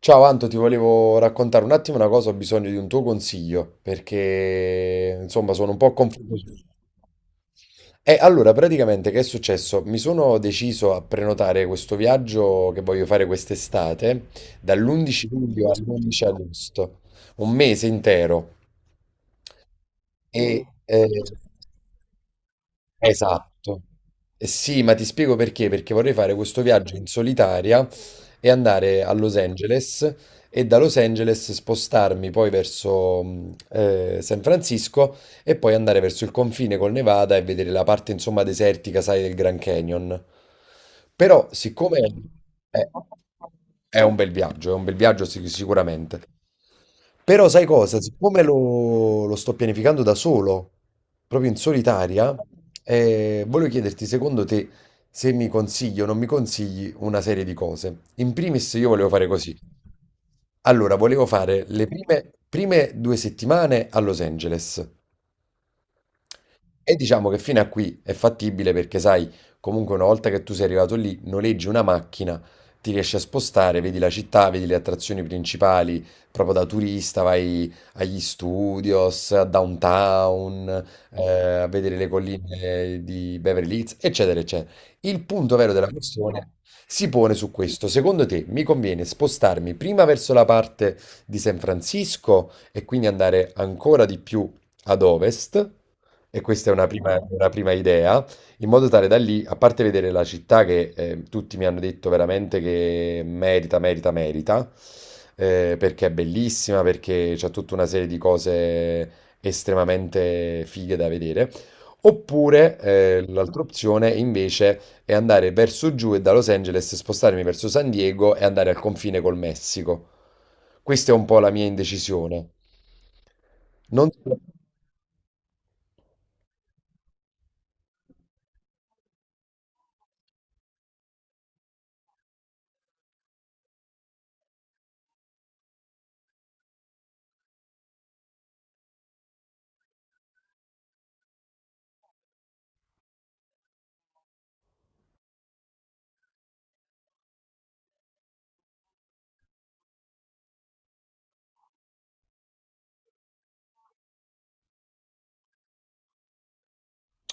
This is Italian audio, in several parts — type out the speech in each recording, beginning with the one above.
Ciao Anto, ti volevo raccontare un attimo una cosa, ho bisogno di un tuo consiglio perché insomma sono un po' confuso. E allora, praticamente che è successo? Mi sono deciso a prenotare questo viaggio che voglio fare quest'estate dall'11 luglio all'11 agosto, un mese intero. E, eh, Esatto. Sì, ma ti spiego perché, perché vorrei fare questo viaggio in solitaria e andare a Los Angeles e da Los Angeles spostarmi poi verso San Francisco e poi andare verso il confine col Nevada e vedere la parte insomma desertica, sai, del Grand Canyon. Però siccome è, è un bel viaggio, è un bel viaggio sicuramente. Però sai cosa? Siccome lo sto pianificando da solo, proprio in solitaria, volevo chiederti, secondo te, se mi consigli o non mi consigli una serie di cose. In primis io volevo fare così. Allora, volevo fare le prime due settimane a Los Angeles, e diciamo che fino a qui è fattibile perché sai, comunque una volta che tu sei arrivato lì, noleggi una macchina, ti riesci a spostare, vedi la città, vedi le attrazioni principali, proprio da turista vai agli studios, a downtown, eh, a vedere le colline di Beverly Hills, eccetera, eccetera. Il punto vero della questione si pone su questo. Secondo te mi conviene spostarmi prima verso la parte di San Francisco e quindi andare ancora di più ad ovest? E questa è una una prima idea, in modo tale da lì, a parte vedere la città che tutti mi hanno detto veramente che merita, merita, merita, perché è bellissima, perché c'è tutta una serie di cose estremamente fighe da vedere. Oppure l'altra opzione invece è andare verso giù e da Los Angeles spostarmi verso San Diego e andare al confine col Messico. Questa è un po' la mia indecisione. Non so.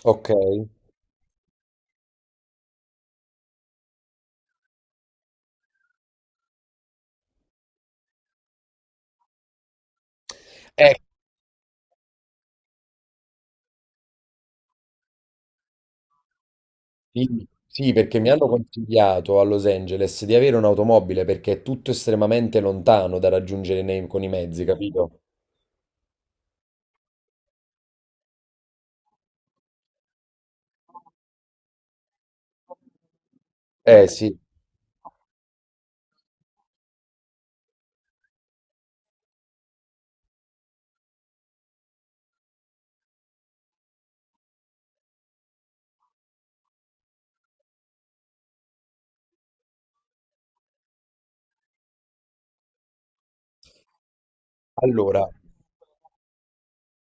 Ok. Ecco, sì, sì, perché mi hanno consigliato a Los Angeles di avere un'automobile perché è tutto estremamente lontano da raggiungere con i mezzi, capito? Eh sì, allora.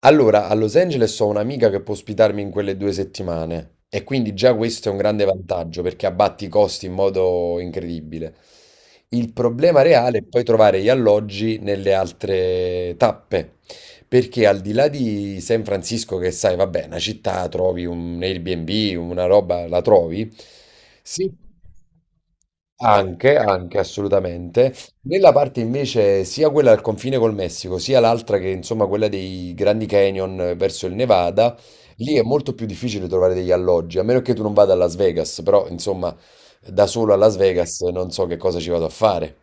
Allora, a Los Angeles ho un'amica che può ospitarmi in quelle due settimane e quindi già questo è un grande vantaggio perché abbatti i costi in modo incredibile. Il problema reale è poi trovare gli alloggi nelle altre tappe, perché al di là di San Francisco, che sai, vabbè, una città, trovi un Airbnb, una roba, la trovi. Sì. Anche, anche assolutamente. Nella parte invece sia quella al confine col Messico, sia l'altra che insomma quella dei Grandi Canyon verso il Nevada, lì è molto più difficile trovare degli alloggi, a meno che tu non vada a Las Vegas, però insomma da solo a Las Vegas non so che cosa ci vado a fare.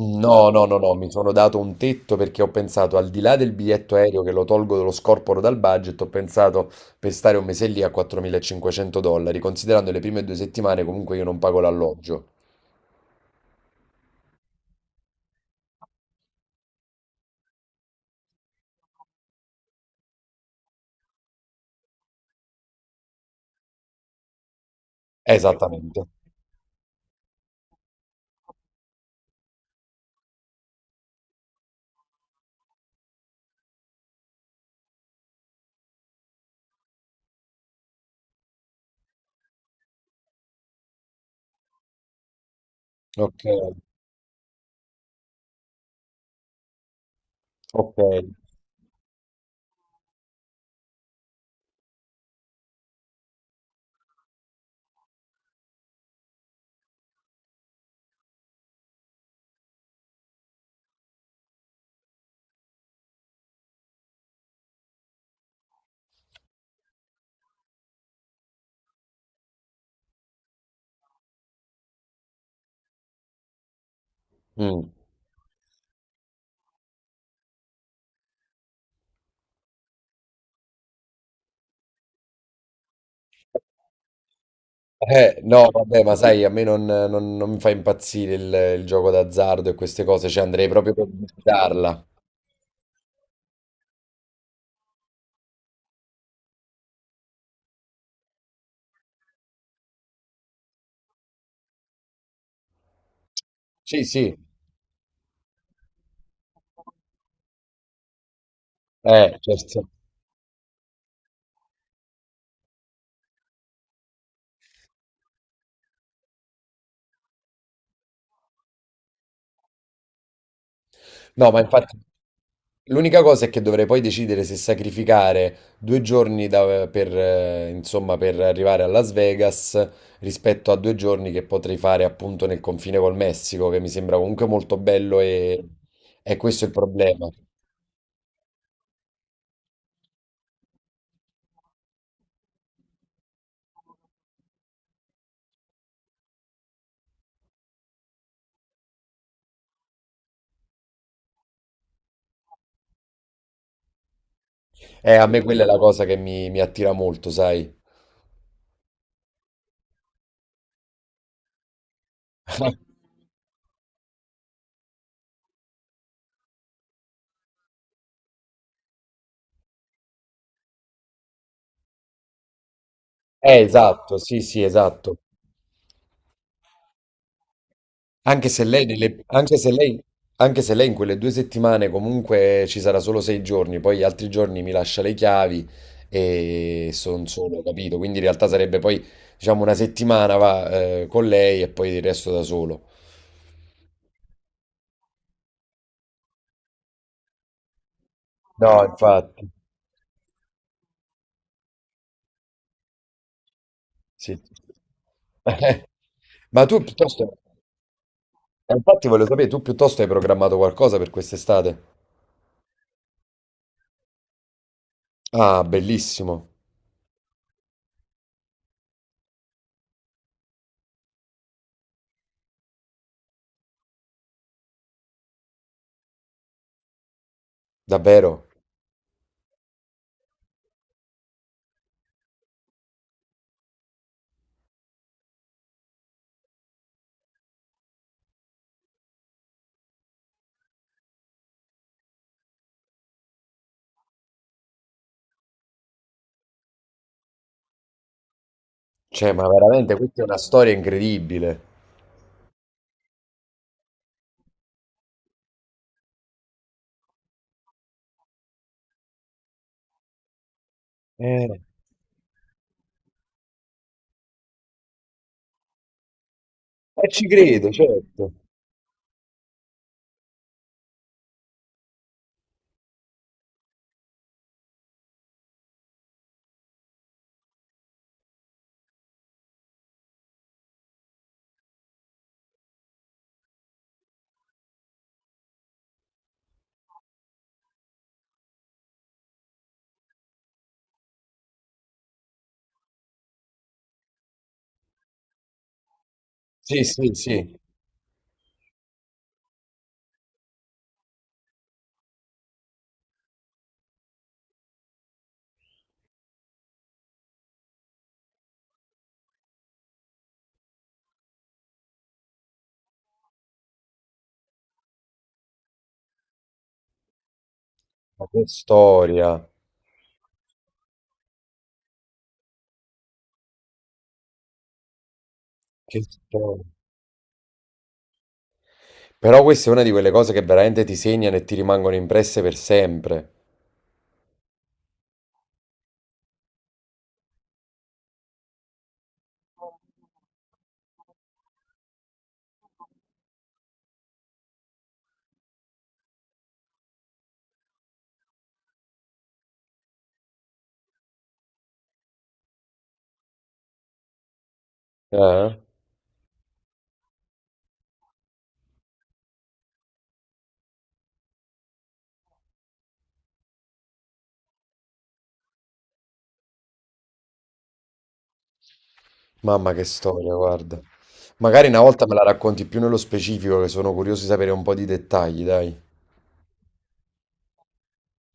No, no, no, no, mi sono dato un tetto perché ho pensato al di là del biglietto aereo che lo tolgo, lo scorporo dal budget, ho pensato per stare un mese lì a 4.500 dollari, considerando le prime due settimane comunque io non pago l'alloggio. Esattamente. Ok. Ok. Mm. No, vabbè, ma sai, a me non mi fa impazzire il gioco d'azzardo e queste cose, cioè andrei proprio per visitarla. Sì, sì, certo. No, ma infatti l'unica cosa è che dovrei poi decidere se sacrificare due giorni per, insomma, per arrivare a Las Vegas rispetto a due giorni che potrei fare appunto nel confine col Messico, che mi sembra comunque molto bello e questo è il problema. A me quella è la cosa che mi attira molto, sai. Eh, esatto, sì, sì, esatto. Anche se lei, nelle- anche se lei in quelle due settimane comunque ci sarà solo 6 giorni, poi gli altri giorni mi lascia le chiavi e sono solo, capito? Quindi in realtà sarebbe poi, diciamo, una settimana va, con lei e poi il resto da solo. No, infatti, sì. Ma tu piuttosto, infatti voglio sapere, tu piuttosto hai programmato qualcosa per quest'estate? Ah, bellissimo, davvero. Cioè, ma veramente questa è una storia incredibile. Eh, ci credo, certo. Sì, sì, sì. Ma che storia, che storia. Però questa è una di quelle cose che veramente ti segnano e ti rimangono impresse per sempre. Eh? Mamma che storia, guarda. Magari una volta me la racconti più nello specifico, che sono curioso di sapere un po' di dettagli, dai.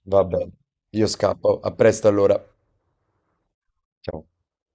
Va bene. Io scappo. A presto allora. Ciao.